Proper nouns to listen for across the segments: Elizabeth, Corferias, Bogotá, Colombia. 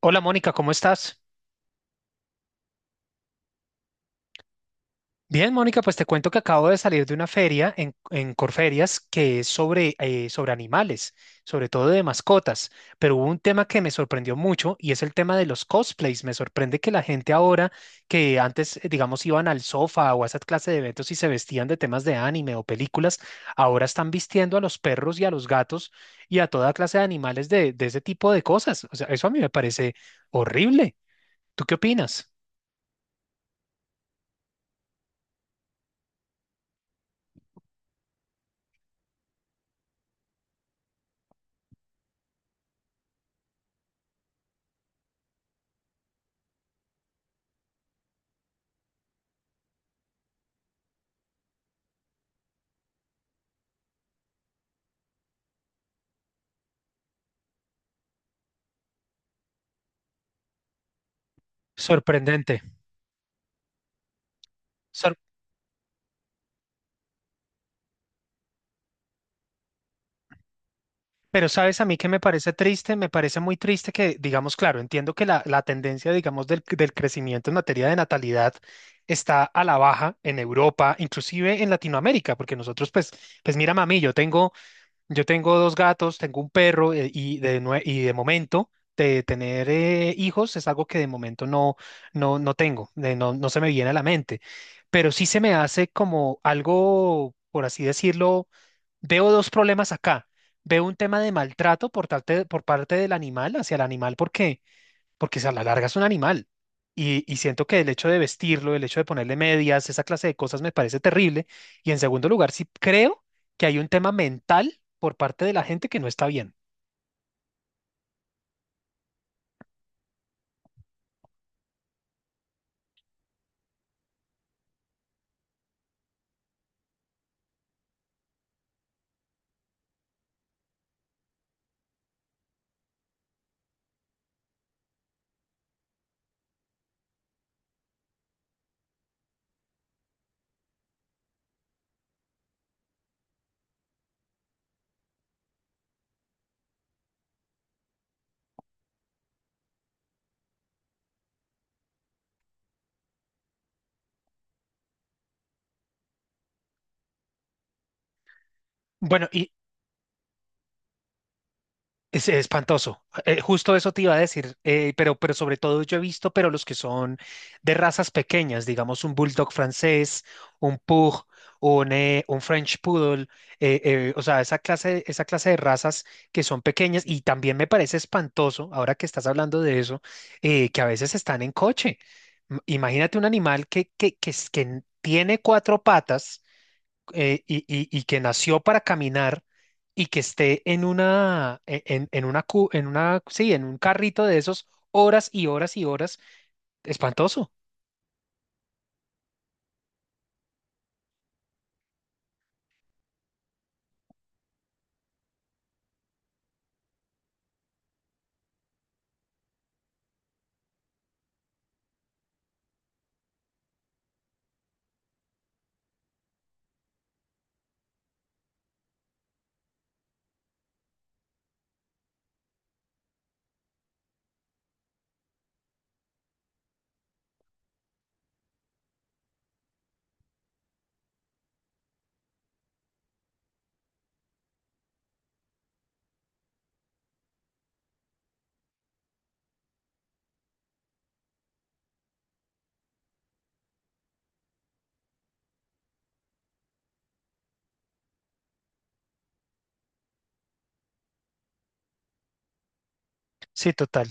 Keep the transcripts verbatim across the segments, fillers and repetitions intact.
Hola Mónica, ¿cómo estás? Bien, Mónica, pues te cuento que acabo de salir de una feria en, en Corferias, que es sobre, eh, sobre animales, sobre todo de mascotas, pero hubo un tema que me sorprendió mucho y es el tema de los cosplays. Me sorprende que la gente ahora que antes, eh, digamos, iban al sofá o a esa clase de eventos y se vestían de temas de anime o películas, ahora están vistiendo a los perros y a los gatos y a toda clase de animales de, de ese tipo de cosas. O sea, eso a mí me parece horrible. ¿Tú qué opinas? Sorprendente. Pero sabes, a mí que me parece triste, me parece muy triste que, digamos, claro, entiendo que la, la tendencia, digamos, del, del crecimiento en materia de natalidad está a la baja en Europa, inclusive en Latinoamérica, porque nosotros, pues, pues mira, mami, yo tengo yo tengo dos gatos, tengo un perro, eh, y de, nue- y de momento de tener eh, hijos es algo que de momento no, no, no tengo, de no, no se me viene a la mente, pero sí se me hace como algo, por así decirlo, veo dos problemas acá. Veo un tema de maltrato por parte, por parte del animal, hacia el animal, porque porque si a la larga es un animal. Y, y siento que el hecho de vestirlo, el hecho de ponerle medias, esa clase de cosas me parece terrible. Y en segundo lugar, sí creo que hay un tema mental por parte de la gente que no está bien. Bueno, y, Es espantoso. Eh, justo eso te iba a decir, eh, pero, pero sobre todo yo he visto, pero los que son de razas pequeñas, digamos un bulldog francés, un pug, un, eh, un French poodle, eh, eh, o sea, esa clase, esa clase de razas que son pequeñas, y también me parece espantoso, ahora que estás hablando de eso, eh, que a veces están en coche. M- Imagínate un animal que, que, que, es- que tiene cuatro patas, eh, y, y- y que nació para caminar y que esté en una, e- en, en una, cu- en una, sí, en un carrito de esos horas y horas y horas, espantoso. Sí, total.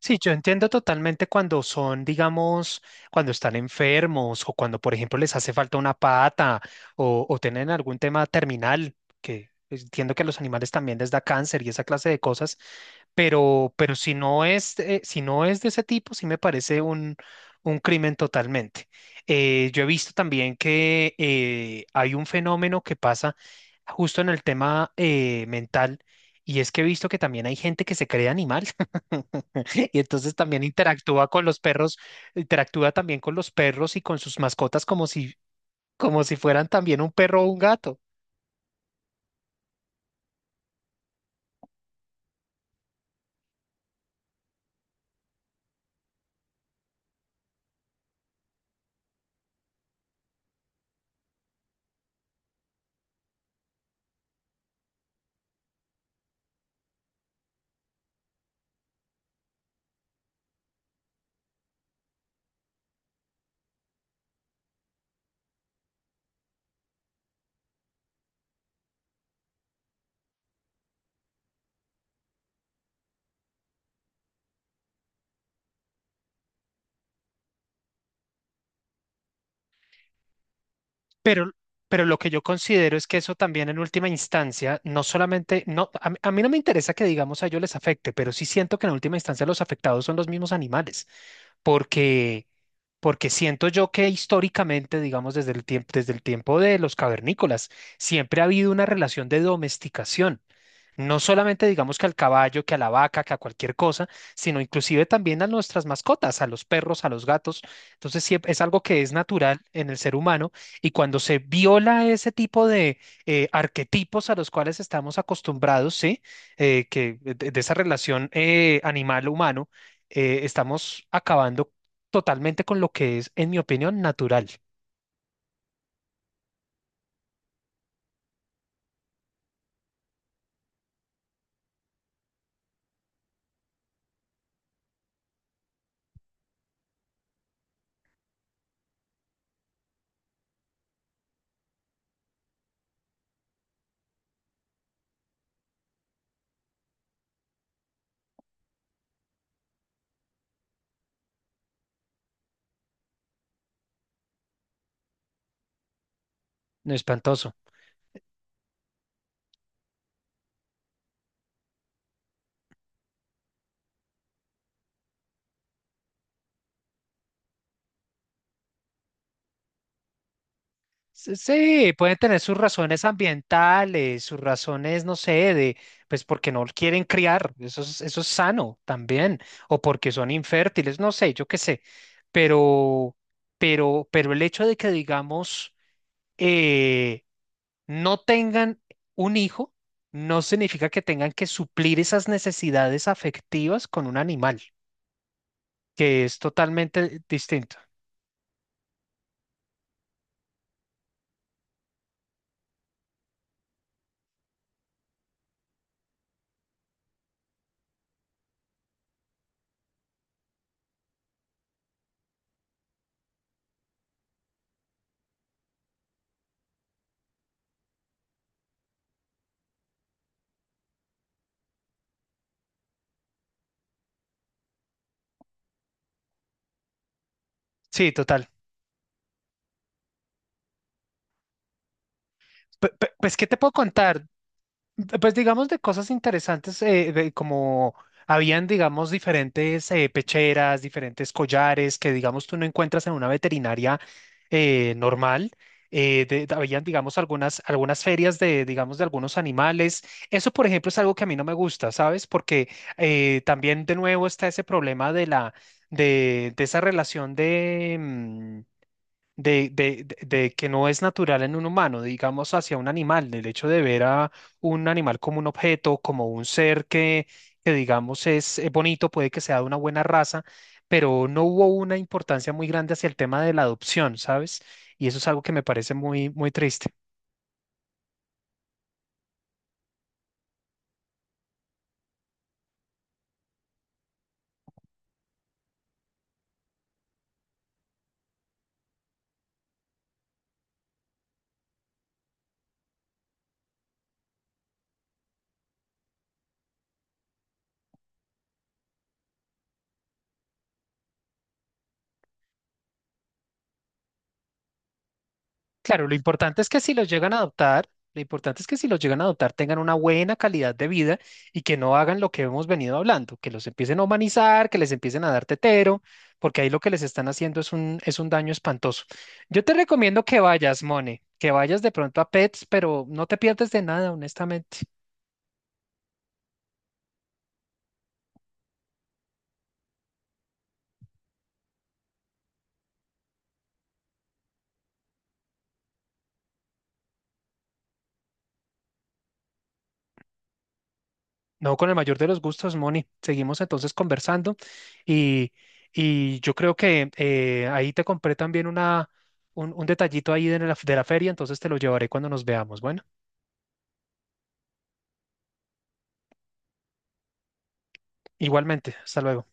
Sí, yo entiendo totalmente cuando son, digamos, cuando están enfermos o cuando, por ejemplo, les hace falta una pata o, o tienen algún tema terminal, que entiendo que a los animales también les da cáncer y esa clase de cosas, pero, pero si no es, eh, si no es de ese tipo, sí me parece un, un crimen totalmente. Eh, yo he visto también que eh, hay un fenómeno que pasa justo en el tema eh, mental, y es que he visto que también hay gente que se cree animal. Y entonces también interactúa con los perros, interactúa también con los perros y con sus mascotas como si, como si fueran también un perro o un gato. Pero, pero lo que yo considero es que eso también en última instancia, no solamente, no, a, mí a mí no me interesa que digamos a ellos les afecte, pero sí siento que en última instancia los afectados son los mismos animales, porque, porque siento yo que históricamente, digamos desde el tiempo, desde el tiempo de los cavernícolas, siempre ha habido una relación de domesticación. No solamente digamos que al caballo, que a la vaca, que a cualquier cosa, sino inclusive también a nuestras mascotas, a los perros, a los gatos. Entonces sí, es algo que es natural en el ser humano, y cuando se viola ese tipo de eh, arquetipos a los cuales estamos acostumbrados, sí, Eh, que de, de esa relación eh, animal-humano, eh, estamos acabando totalmente con lo que es, en mi opinión, natural. No, espantoso. Sí, sí, pueden tener sus razones ambientales, sus razones, no sé, de, pues porque no quieren criar, eso es, eso es sano también, o porque son infértiles, no sé, yo qué sé, pero, pero, pero el hecho de que, digamos, eh, no tengan un hijo, no significa que tengan que suplir esas necesidades afectivas con un animal, que es totalmente distinto. Sí, total. Pe- pe- Pues, ¿qué te puedo contar? D- Pues digamos de cosas interesantes, eh, de como habían, digamos, diferentes eh, pecheras, diferentes collares que, digamos, tú no encuentras en una veterinaria eh, normal. Eh, de- de- habían, digamos, algunas, algunas ferias de, digamos, de algunos animales. Eso, por ejemplo, es algo que a mí no me gusta, ¿sabes? Porque eh, también, de nuevo, está ese problema de la, de, de esa relación de, de- de- de que no es natural en un humano, digamos hacia un animal, del hecho de ver a un animal como un objeto, como un ser que, que digamos es eh, bonito, puede que sea de una buena raza, pero no hubo una importancia muy grande hacia el tema de la adopción, ¿sabes? Y eso es algo que me parece muy, muy triste. Claro, lo importante es que si los llegan a adoptar, lo importante es que si los llegan a adoptar tengan una buena calidad de vida y que no hagan lo que hemos venido hablando, que los empiecen a humanizar, que les empiecen a dar tetero, porque ahí lo que les están haciendo es un, es un daño espantoso. Yo te recomiendo que vayas, Mone, que vayas de pronto a Pets, pero no te pierdes de nada, honestamente. No, con el mayor de los gustos, Moni. Seguimos entonces conversando y, y yo creo que eh, ahí te compré también una, un, un detallito ahí de la, de la feria, entonces te lo llevaré cuando nos veamos. Bueno, igualmente, hasta luego.